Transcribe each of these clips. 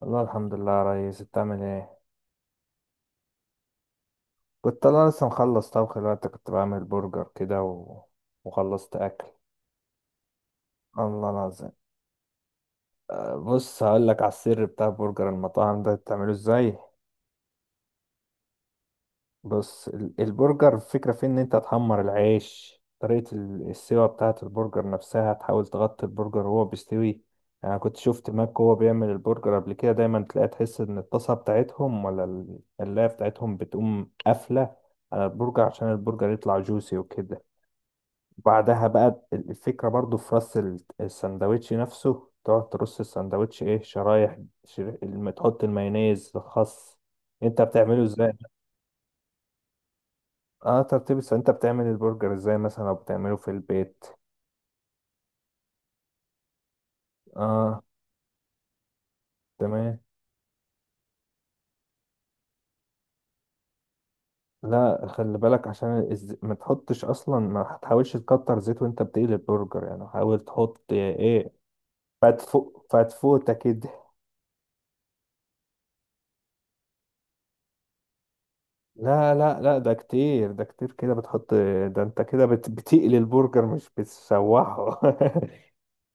والله الحمد لله يا ريس، انت عامل ايه؟ كنت انا لسه مخلص طبخ دلوقتي، كنت بعمل برجر كده وخلصت اكل. الله العظيم. بص هقول لك على السر بتاع برجر المطاعم ده بتعمله ازاي. بص البرجر الفكرة في إن أنت تحمر العيش، طريقة السوا بتاعة البرجر نفسها تحاول تغطي البرجر وهو بيستوي. يعني أنا كنت شفت ماك وهو بيعمل البرجر قبل كده، دايما تلاقي تحس إن الطاسة بتاعتهم ولا القلاية بتاعتهم بتقوم قافلة على البرجر عشان البرجر يطلع جوسي وكده. بعدها بقى الفكرة برضو في رص السندوتش نفسه، تقعد ترص السندوتش إيه، شرايح، تحط المايونيز الخاص. أنت بتعمله إزاي؟ اه، ترتيب انت بتعمل البرجر ازاي مثلا، او بتعمله في البيت؟ اه. تمام. لا خلي بالك، عشان ما تحطش اصلا، ما تحاولش تكتر زيت وانت بتقلي البرجر، يعني حاول تحط ايه، فتفوتة كده. لا لا لا، ده كتير، ده كتير كده بتحط. ده انت كده بتقلي البرجر مش بتشوحه.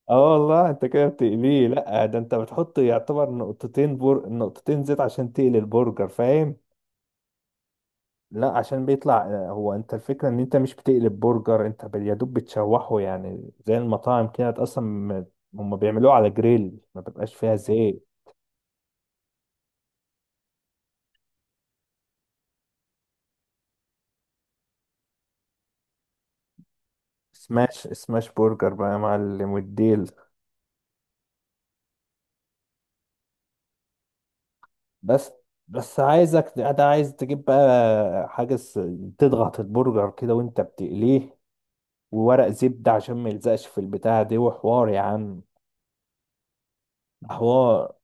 اه والله انت كده بتقليه. لا، ده انت بتحط يعتبر نقطتين نقطتين زيت عشان تقلي البرجر، فاهم؟ لا، عشان بيطلع هو انت الفكرة ان انت مش بتقلب برجر، انت يا دوب بتشوحه، يعني زي المطاعم كده اصلا، هم بيعملوه على جريل، ما بيبقاش فيها زيت. سماش، سماش برجر بقى يا معلم والديل. بس بس، عايزك ده، عايز تجيب بقى حاجة تضغط البرجر كده وانت بتقليه، وورق زبدة عشان ما يلزقش في البتاعة دي، وحوار يا عم. ده حوار.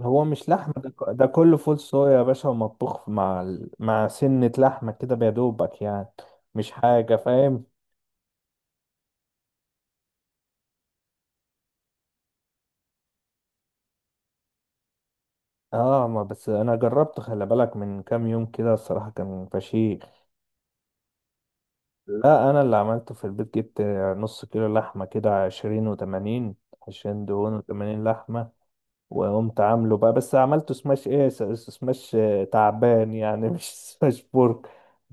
هو مش لحمة ده، ده كله فول صويا يا باشا، ومطبوخ مع مع سنة لحمة كده بيدوبك يعني، مش حاجة، فاهم؟ اه، ما بس انا جربت، خلي بالك، من كام يوم كده الصراحة كان فشيخ. لا انا اللي عملته في البيت، جبت نص كيلو لحمة كده، 20 و80، 20 دهون و80 لحمة، وقمت عامله بقى، بس عملته سماش ايه، سماش تعبان يعني مش سماش بورك.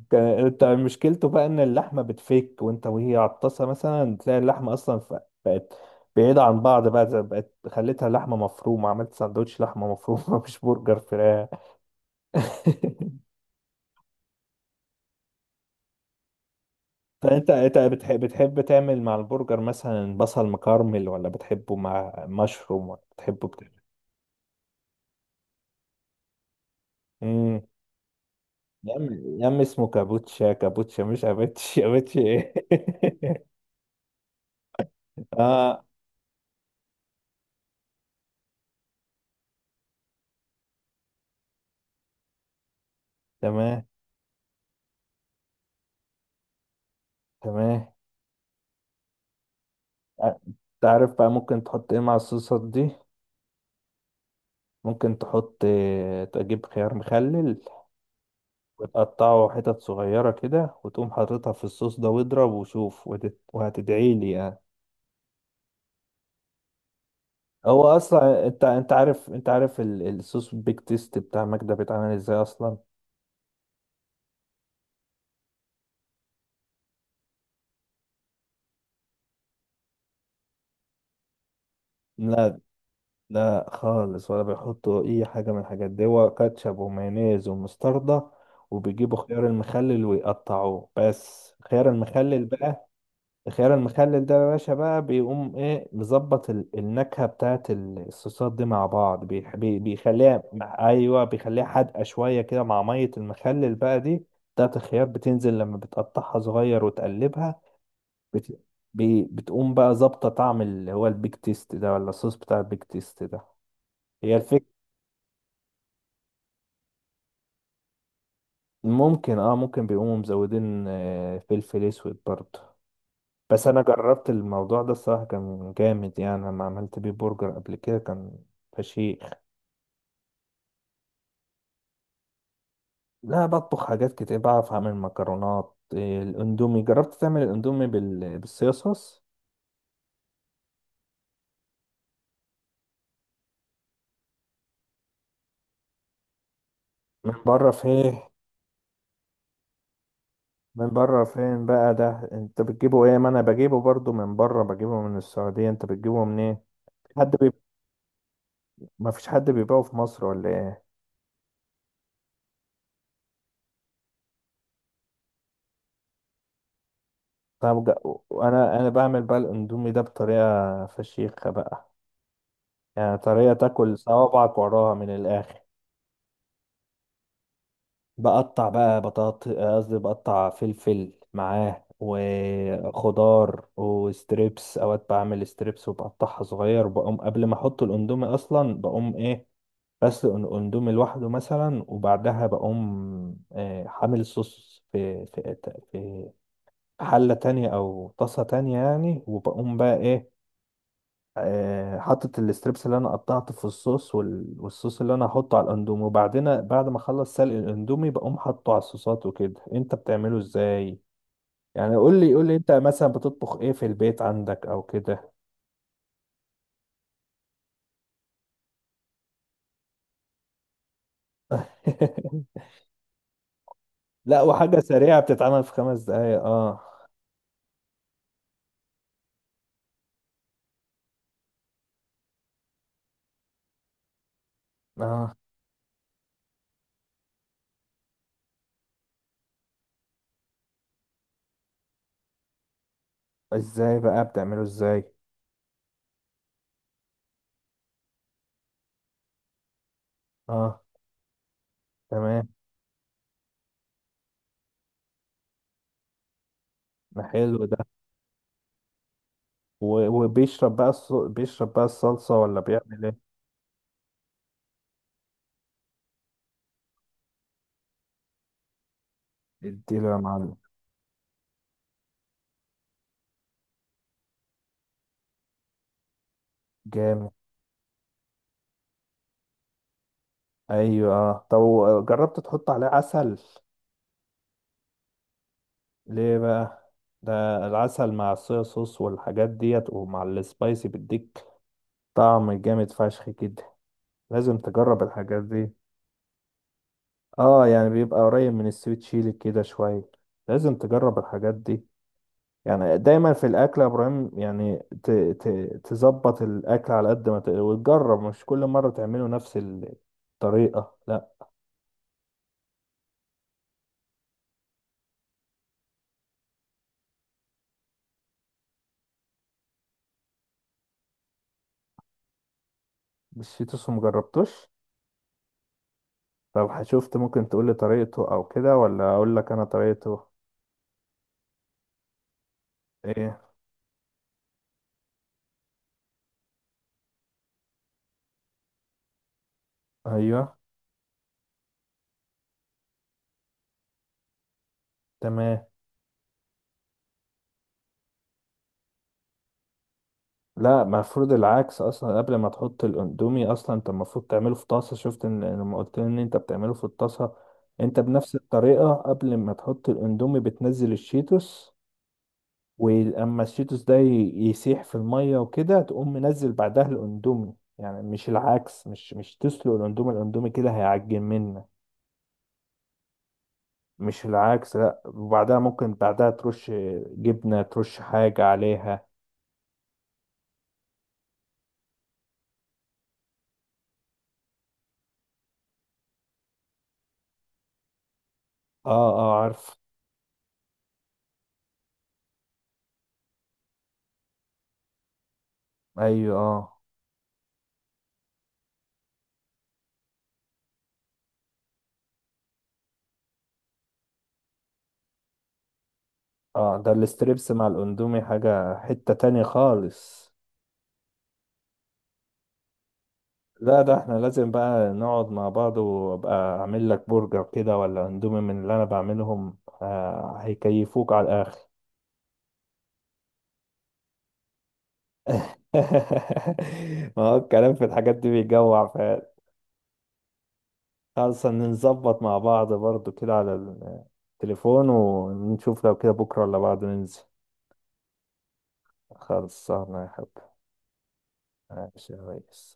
انت مشكلته بقى ان اللحمه بتفك وانت وهي على الطاسه، مثلا تلاقي اللحمه اصلا بقت بعيده عن بعض بقى، بقت خليتها لحمه مفرومه، عملت سندوتش لحمه مفرومه مش برجر فراخ. فانت انت بتحب تعمل مع البرجر مثلا بصل مكرمل، ولا بتحبه مع مشروم، ولا بتحبه بتعمل؟ يا عم يا عم، اسمه كابوتشا، كابوتشا مش اباتشي، اباتشي ايه! اه تمام. تمام. آه، تعرف بقى ممكن تحط ايه مع الصوصات دي؟ ممكن تحط تجيب خيار مخلل وتقطعه حتت صغيرة كده، وتقوم حاططها في الصوص ده، واضرب وشوف، وهتدعي لي يعني. هو اصلا انت عارف، انت عارف الصوص بيك تيست بتاع ماجدة بيتعمل ازاي اصلا؟ لا، لا خالص، ولا بيحطوا اي حاجه من الحاجات دي. هو كاتشب ومايونيز ومستردة، وبيجيبوا خيار المخلل ويقطعوه، بس خيار المخلل بقى. الخيار المخلل ده يا باشا بقى بيقوم ايه، مظبط النكهه بتاعت الصوصات دي مع بعض، بيخليها ايوه بيخليها حادقه شويه كده، مع ميه المخلل بقى دي بتاعت الخيار، بتنزل لما بتقطعها صغير وتقلبها. بت... بتقوم بقى ظابطه طعم اللي هو البيك تيست ده، ولا الصوص بتاع البيك تيست ده. هي الفكرة. ممكن، اه ممكن، بيقوموا مزودين فلفل اسود برضه. بس انا جربت الموضوع ده، الصراحه كان جامد يعني، لما عملت بيه برجر قبل كده كان فشيخ. لا، بطبخ حاجات كتير، بعرف اعمل مكرونات، الاندومي جربت تعمل الاندومي بالصيصوص؟ من بره فين؟ من بره فين بقى؟ ده انت بتجيبه ايه، ما انا بجيبه برضه من بره، بجيبه من السعوديه، انت بتجيبه منين؟ حد بي... ما فيش حد بيبيعه في مصر ولا ايه؟ طب وانا انا بعمل بقى الاندومي ده بطريقه فشيخه بقى، يعني طريقه تاكل صوابعك وراها من الاخر. بقطع بقى بطاط، قصدي بقطع فلفل معاه وخضار وستريبس، اوقات بعمل ستريبس وبقطعها صغير، بقوم قبل ما احط الاندومي اصلا بقوم ايه، بسلق الاندومي لوحده مثلا، وبعدها بقوم حامل صوص في حلة تانية أو طاسة تانية يعني، وبقوم بقى إيه، حطت الستريبس اللي انا قطعته في الصوص والصوص اللي انا هحطه على الاندومي، وبعدين بعد ما اخلص سلق الاندومي بقوم حاطه على الصوصات وكده. انت بتعمله ازاي يعني؟ قول لي، قول لي انت مثلا بتطبخ ايه في البيت عندك او كده؟ لا، وحاجة سريعة بتتعمل في 5 دقايق. اه. اه. ازاي بقى؟ بتعمله ازاي؟ اه. تمام. ده حلو ده. وبيشرب بقى الص... بيشرب بقى الصلصة ولا بيعمل ايه؟ اديله يا معلم. جامد. ايوه. آه. طب جربت تحط عليه عسل؟ ليه بقى؟ ده العسل مع الصويا صوص والحاجات ديت، ومع السبايسي، بيديك طعم جامد فشخ كده. لازم تجرب الحاجات دي. اه، يعني بيبقى قريب من السويت شيلي كده شوية. لازم تجرب الحاجات دي. يعني دايما في الاكل يا ابراهيم يعني، تظبط الاكل على قد ما وتجرب، مش كل مرة تعمله نفس الطريقة، لا. مش في، مجربتوش. طب شفت ممكن تقولي طريقته او كده، ولا اقول لك انا طريقته؟ ايه. ايوه. تمام. لا المفروض العكس، اصلا قبل ما تحط الاندومي اصلا انت المفروض تعمله في طاسه، شفت ان إن لما قلت لي ان انت بتعمله في الطاسه، انت بنفس الطريقه قبل ما تحط الاندومي بتنزل الشيتوس، ولما الشيتوس ده يسيح في الميه وكده، تقوم منزل بعدها الاندومي، يعني مش العكس، مش تسلق الاندومي، الاندومي كده هيعجن منك. مش العكس، لا. وبعدها ممكن، بعدها ترش جبنة، ترش حاجة عليها. اه، اه عارف. ايوه. اه، اه، ده الاستريبس مع الاندومي حاجة، حتة تانية خالص. لا ده احنا لازم بقى نقعد مع بعض، وابقى اعمل لك برجر كده، ولا اندومي من اللي انا بعملهم، آه هيكيفوك على الاخر. ما هو الكلام في الحاجات دي بيجوع فعلا. خلاص، نظبط مع بعض برضو كده على التليفون، ونشوف لو كده بكرة ولا بعد ننزل. خلصانة يا حب. ماشي يا ريس.